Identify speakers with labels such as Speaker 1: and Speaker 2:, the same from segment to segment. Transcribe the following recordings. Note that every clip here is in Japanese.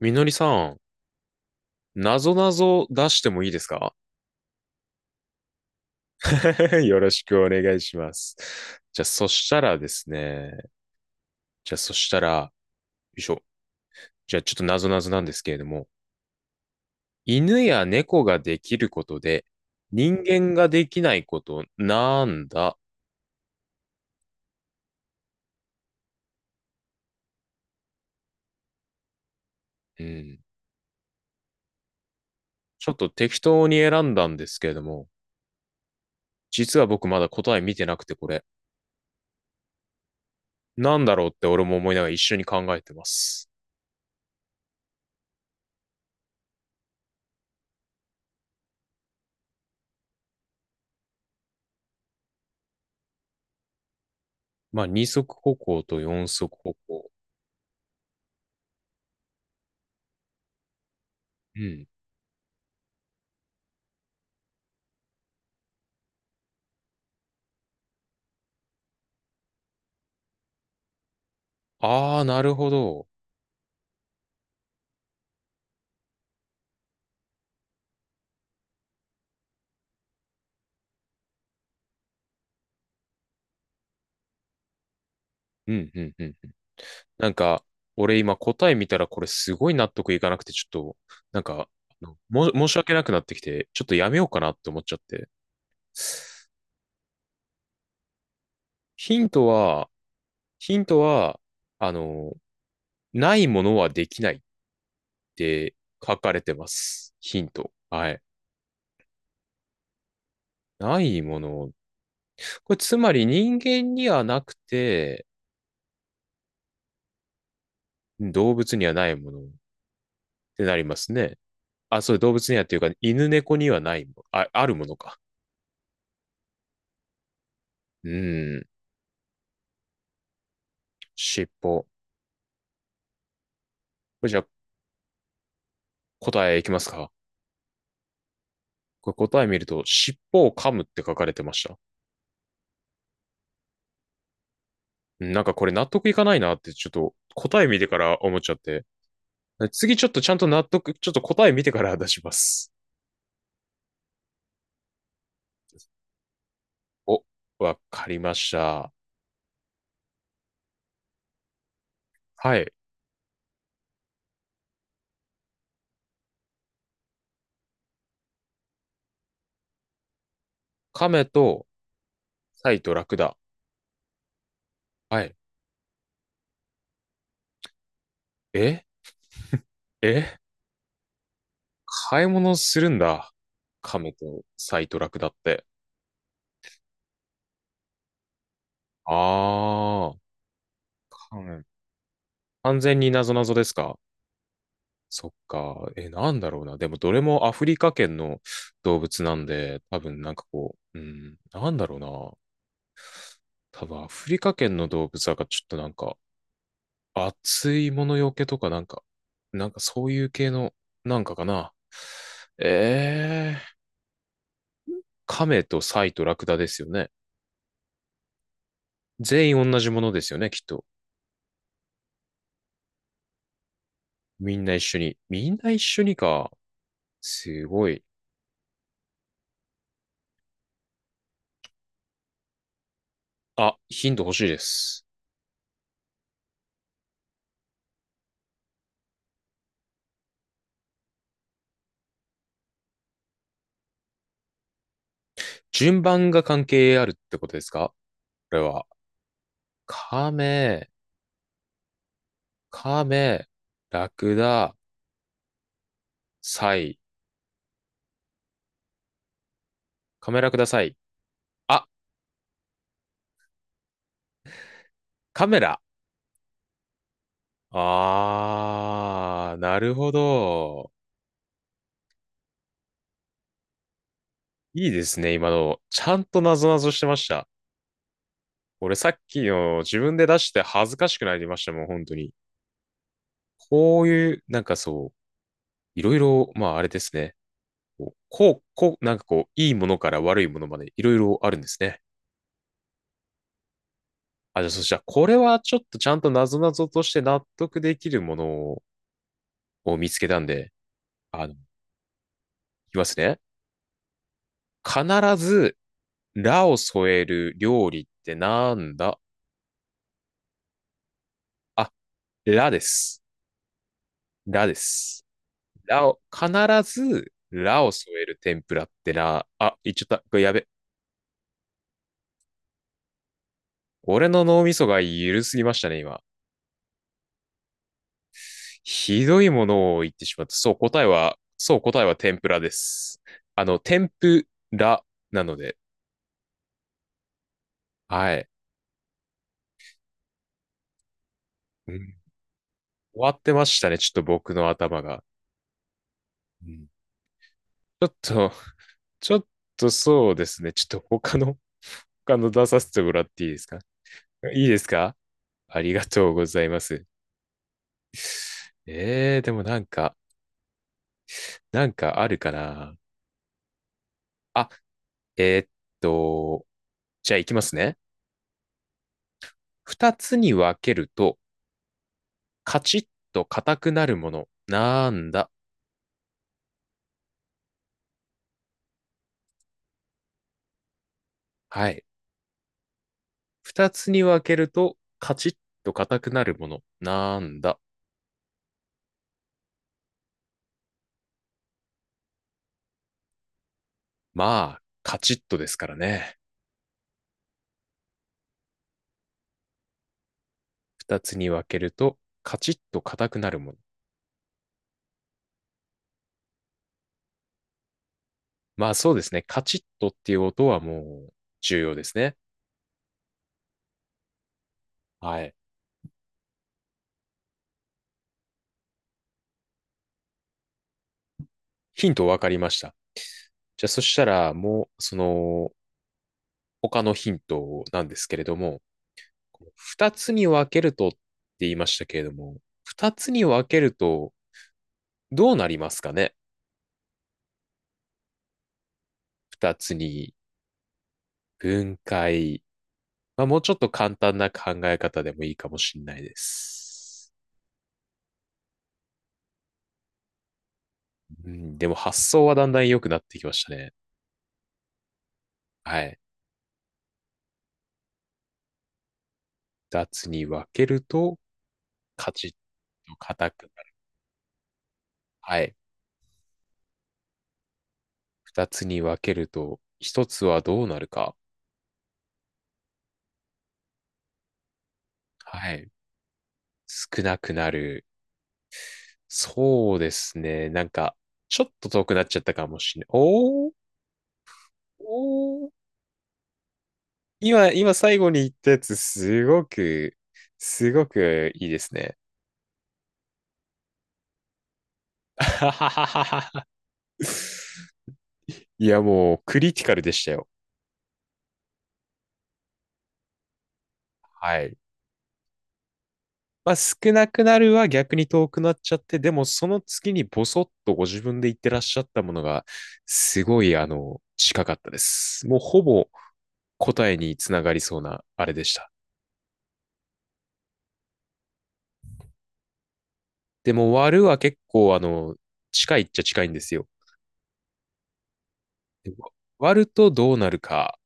Speaker 1: みのりさん、なぞなぞ出してもいいですか？ よろしくお願いします。じゃあ、そしたらですね、じゃあ、そしたら、よいしょ。じゃあ、ちょっとなぞなぞなんですけれども、犬や猫ができることで、人間ができないこと、なんだ？うん。ちょっと適当に選んだんですけれども、実は僕まだ答え見てなくて、これ、なんだろうって俺も思いながら一緒に考えてます。まあ、二足歩行と四足歩行。うん。ああ、なるほど。うんうんうん。なんか、俺今答え見たらこれすごい納得いかなくて、ちょっと、なんか、あのも、申し訳なくなってきて、ちょっとやめようかなって思っちゃって。ヒントは、ヒントは、あの、ないものはできないって書かれてます。ヒント。はい。ないもの。これつまり人間にはなくて、動物にはないものってなりますね。あ、そう、動物にはっていうか、犬猫にはないもの。あ、あるものか。うん。尻尾。これじゃあ答えいきますか？これ答え見ると、尻尾を噛むって書かれてました。なんかこれ納得いかないなってちょっと答え見てから思っちゃって。次ちょっとちゃんと納得、ちょっと答え見てから出します。お、わかりました。はい。亀とサイとラクダ。はい。ええ、買い物するんだ。亀とサイとラクダって。あー。完完全に謎謎ですか？そっか。え、なんだろうな。でも、どれもアフリカ圏の動物なんで、多分なんかこう、うん、なんだろうな。多分アフリカ圏の動物だからちょっとなんか、熱いものよけとかなんか、なんかそういう系の、なんかかな。えー、カメとサイとラクダですよね。全員同じものですよね、きっと。みんな一緒に。みんな一緒にか。すごい。あ、ヒント欲しいです。順番が関係あるってことですか、これは？カメ、カメ、ラクダ、サイ、カメラください。あ、カメラ。あー、なるほど。いいですね、今の。ちゃんとなぞなぞしてました。俺さっきの自分で出して恥ずかしくなりましたもん、本当に。こういう、なんかそう、いろいろ、まああれですね。こう、なんかこう、いいものから悪いものまでいろいろあるんですね。あ、じゃあそしたら、これはちょっとちゃんとなぞなぞとして納得できるものを見つけたんで、いきますね。必ず、ラを添える料理ってなんだ？あ、ラです。ラです。ラを、必ず、ラを添える天ぷらってな、あ、言っちゃった。これやべ。俺の脳みそが緩すぎましたね、今。ひどいものを言ってしまった。そう、答えは天ぷらです。天ぷらなので、はい。うん。終わってましたね、ちょっと僕の頭が。うん。ちょっと、ちょっとそうですね。ちょっと他の、出させてもらっていいですか？いいですか？ありがとうございます。でもなんか、あるかな。あ、えーっと、じゃあいきますね。二つに分けると、カチッと硬くなるもの。なんだ？はい。二つに分けると、カチッと硬くなるもの。なんだ？まあ、カチッとですからね。二つに分けると、カチッと硬くなるもの。まあそうですね。カチッとっていう音はもう重要ですね。はい。ヒント分かりました。じゃあそしたらもうその他のヒントなんですけれども、二つに分けるとって言いましたけれども、二つに分けるとどうなりますかね？二つに分解。まあもうちょっと簡単な考え方でもいいかもしれないです。うん、でも発想はだんだん良くなってきましたね。はい。二つに分けると、カチッと硬く、はい。二つに分けると、一つはどうなるか？はい。少なくなる。そうですね。なんか、ちょっと遠くなっちゃったかもしれない。おー、おー。今最後に言ったやつ、すごく、すごくいいですね。いや、もう、クリティカルでしたよ。はい。まあ、少なくなるは逆に遠くなっちゃって、でもその次にボソッとご自分で言ってらっしゃったものが、すごい、近かったです。もうほぼ答えにつながりそうな、あれでした。でも割るは結構、近いっちゃ近いんですよ。割るとどうなるか、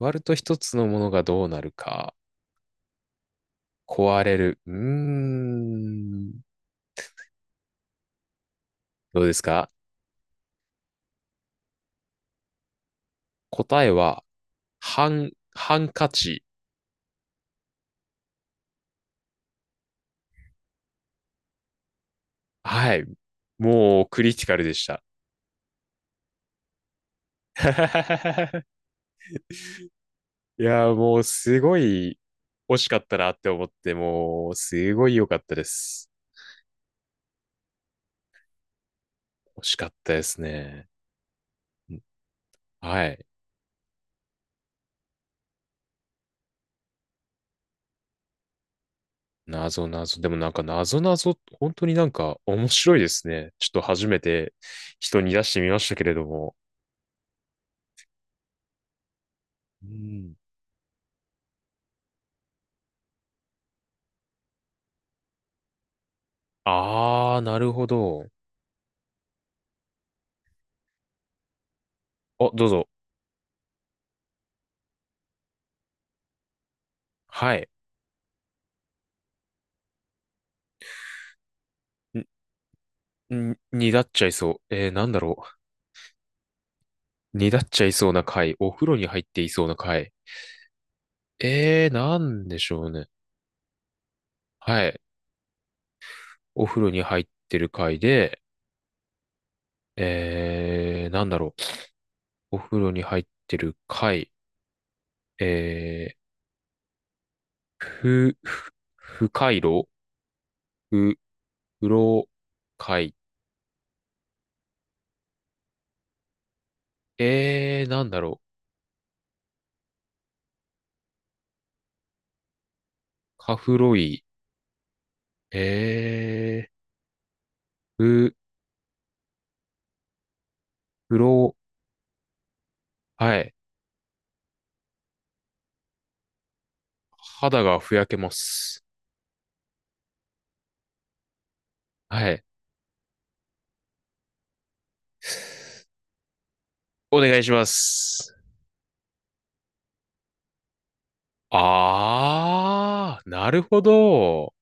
Speaker 1: 割ると一つのものがどうなるか、壊れる。うーん。どうですか？答えは、ハンカチ。はい。もうクリティカルでした。いやー、もうすごい惜しかったなって思って、もうすごい良かったです。惜しかったですね。はい。謎謎。でもなんか謎謎、本当になんか面白いですね。ちょっと初めて人に出してみましたけれども。うん。あー、なるほど。あ、どうぞ。はい。にだっちゃいそう。なんだろう。にだっちゃいそうな回。お風呂に入っていそうな回。なんでしょうね。はい。お風呂に入ってる回で、なんだろう。お風呂に入ってる回、えー、ふ、ふ、不快炉、ふ、風呂会。なんだろう。カフロイ。えー、ふ、風呂、はい。肌がふやけます。はい。お願いします。あー、なるほど。